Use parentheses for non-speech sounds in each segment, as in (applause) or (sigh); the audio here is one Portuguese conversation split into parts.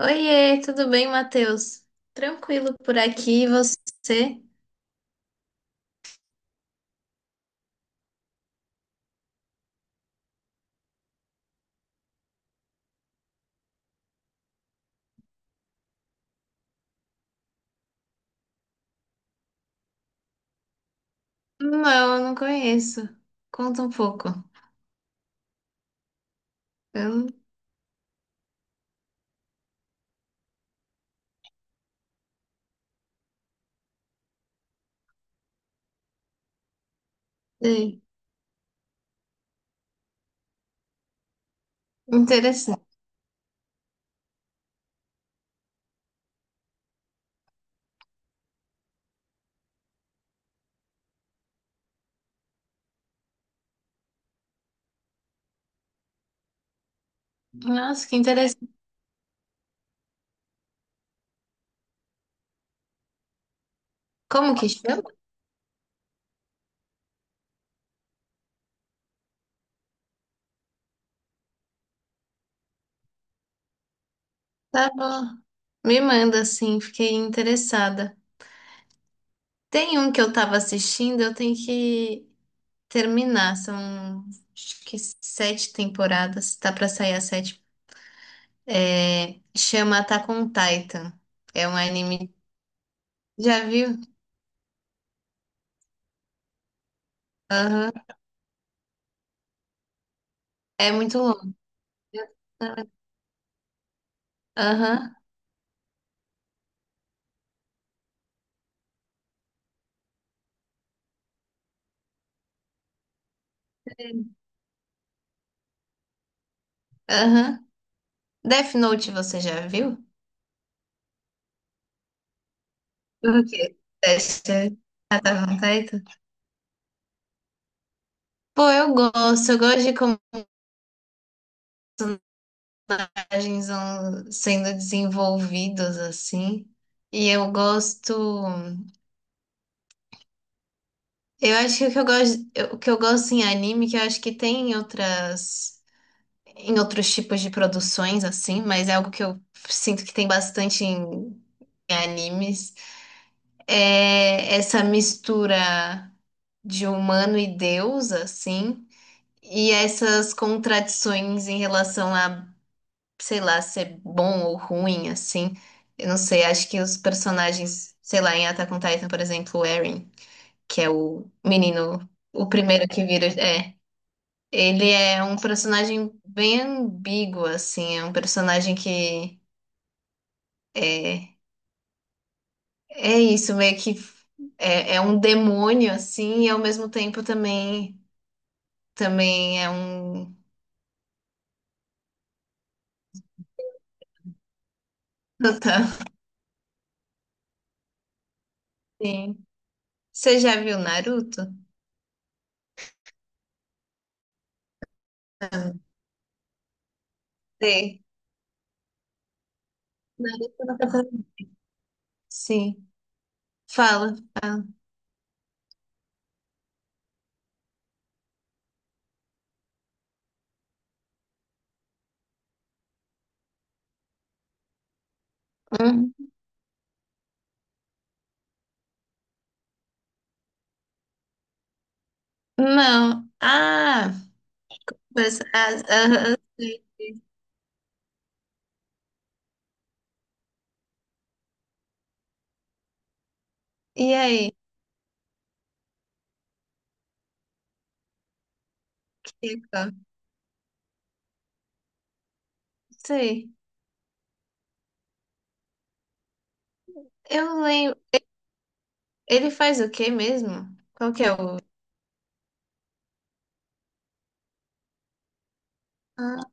Oiê, tudo bem, Matheus? Tranquilo por aqui, e você? Não, eu não conheço. Conta um pouco. Eu não sei. Interessante. Nossa, que interessante. Como que chama? Tá bom. Me manda, assim, fiquei interessada. Tem um que eu tava assistindo, eu tenho que terminar. São, acho que sete temporadas, tá pra sair a sétima. É, chama Attack on Titan. É um anime. Já viu? Aham. É muito longo. Aham, aham. Death Note você já viu? O quê? Testa. Ah, tá bom, tá. Pô, eu gosto de como personagens vão sendo desenvolvidos assim. E eu gosto. Eu acho que o que eu gosto, o que eu gosto em anime, que eu acho que tem em outras, em outros tipos de produções, assim, mas é algo que eu sinto que tem bastante em animes. É essa mistura de humano e deus, assim, e essas contradições em relação a, sei lá, ser bom ou ruim, assim. Eu não sei, acho que os personagens, sei lá, em Attack on Titan, por exemplo, o Eren, que é o menino, o primeiro que vira, ele é um personagem bem ambíguo, assim, é um personagem que é, é isso, meio que é, é um demônio, assim, e ao mesmo tempo também é um. Total. Sim. Você já viu Naruto? Não. Sei. Naruto. Sim. Fala, fala. Hum. Não. Ah, mas, ah, ah, ah, sei. E aí, Kiko? Sei. Eu lembro. Ele faz o quê mesmo? Qual que é o. Ah,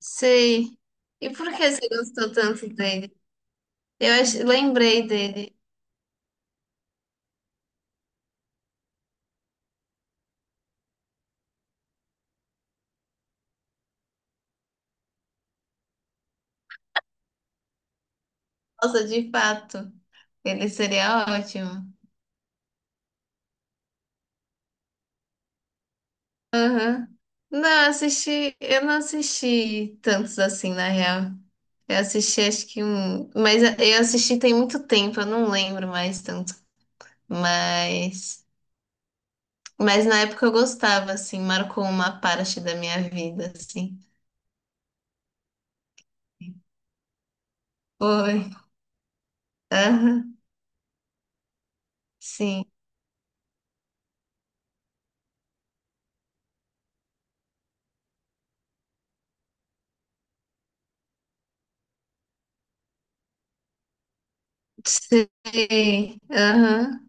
sei. E por que você gostou tanto dele? Lembrei dele. Nossa, de fato. Ele seria ótimo. Aham. Não, assisti, eu não assisti tantos assim, na real. Eu assisti acho que um, mas eu assisti tem muito tempo, eu não lembro mais tanto. Mas, mas na época eu gostava, assim, marcou uma parte da minha vida, assim. Foi. Aham. Sim. Sim. Aham.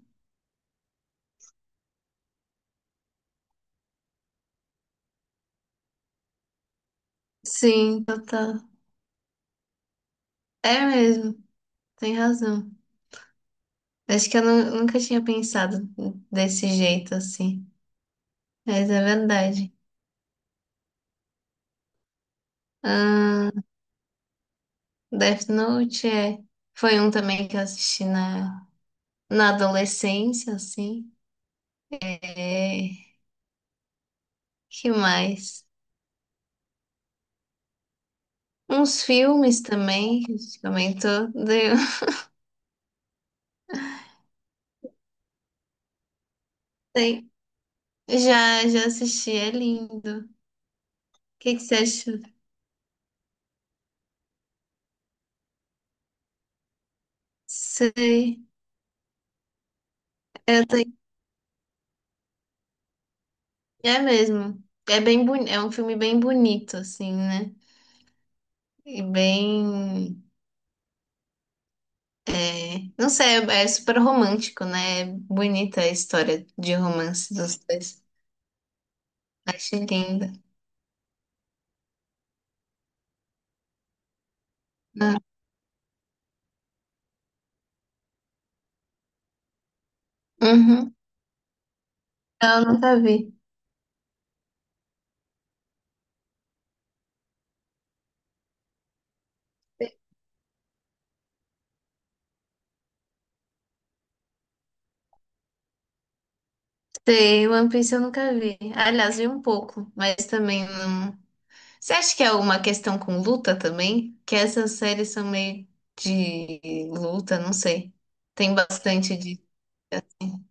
Sim, total. É mesmo, tem razão. Acho que eu nunca tinha pensado desse jeito, assim. Mas é verdade. Death Note é. Foi um também que eu assisti na, na adolescência, assim. É. Que mais? Uns filmes também, que a gente comentou. Deu. (laughs) Tem. Já, já assisti, é lindo. O que que você acha? Sei. Eu tenho... É mesmo. É bem boni... É um filme bem bonito, assim, né? E bem. É... Não sei, é super romântico, né? É bonita a história de romance dos dois. Achei linda. Uhum. Eu nunca vi. Sei, One Piece eu nunca vi. Aliás, vi um pouco, mas também não. Você acha que é alguma questão com luta também? Que essas séries são meio de luta, não sei. Tem bastante de, assim.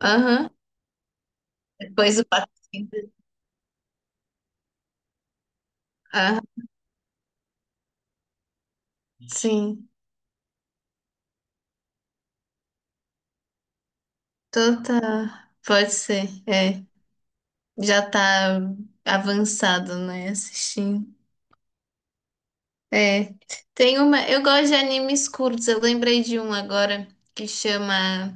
Aham. Depois o patrocínio. Ah, sim. Toda pode ser. É. Já tá avançado, né? Assistindo. É. Tem uma. Eu gosto de animes curtos. Eu lembrei de um agora que chama.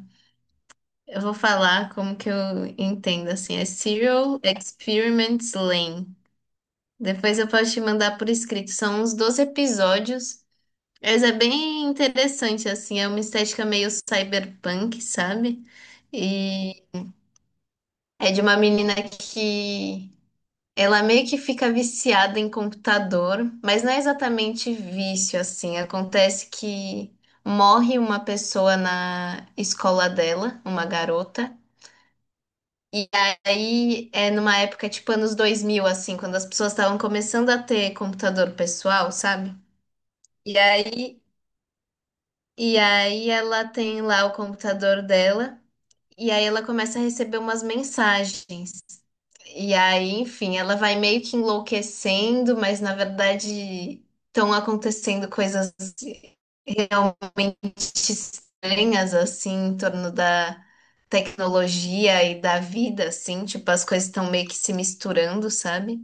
Eu vou falar como que eu entendo, assim, é Serial Experiments Lane. Depois eu posso te mandar por escrito, são uns 12 episódios, mas é bem interessante, assim, é uma estética meio cyberpunk, sabe? E é de uma menina que ela meio que fica viciada em computador, mas não é exatamente vício, assim, acontece que morre uma pessoa na escola dela, uma garota. E aí, é numa época tipo anos 2000 assim, quando as pessoas estavam começando a ter computador pessoal, sabe? E aí, e aí ela tem lá o computador dela, e aí ela começa a receber umas mensagens e aí, enfim, ela vai meio que enlouquecendo, mas na verdade estão acontecendo coisas realmente estranhas, assim, em torno da tecnologia e da vida, assim, tipo, as coisas estão meio que se misturando, sabe?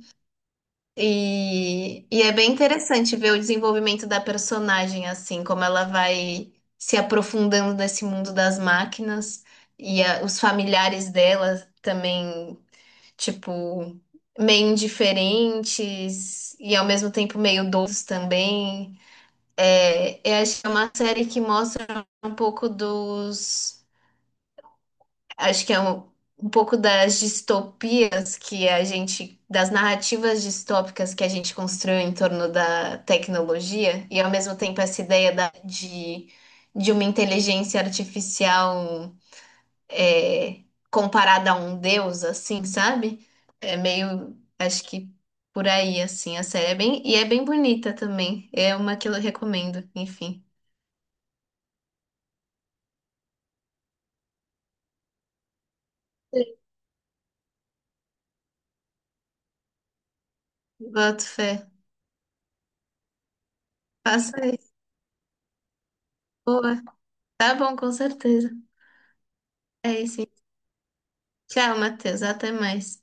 E é bem interessante ver o desenvolvimento da personagem, assim, como ela vai se aprofundando nesse mundo das máquinas e os familiares dela também, tipo, meio indiferentes e ao mesmo tempo meio doces também. É, eu acho que é uma série que mostra um pouco dos, acho que é um, um pouco das distopias que a gente, das narrativas distópicas que a gente construiu em torno da tecnologia e ao mesmo tempo essa ideia da, de uma inteligência artificial é, comparada a um deus, assim, sabe? É meio, acho que por aí, assim, a série é bem, e é bem bonita também. É uma que eu recomendo, enfim. Sim. Boto fé. Faça isso. Boa. Tá bom, com certeza. É isso. Tchau, Matheus. Até mais.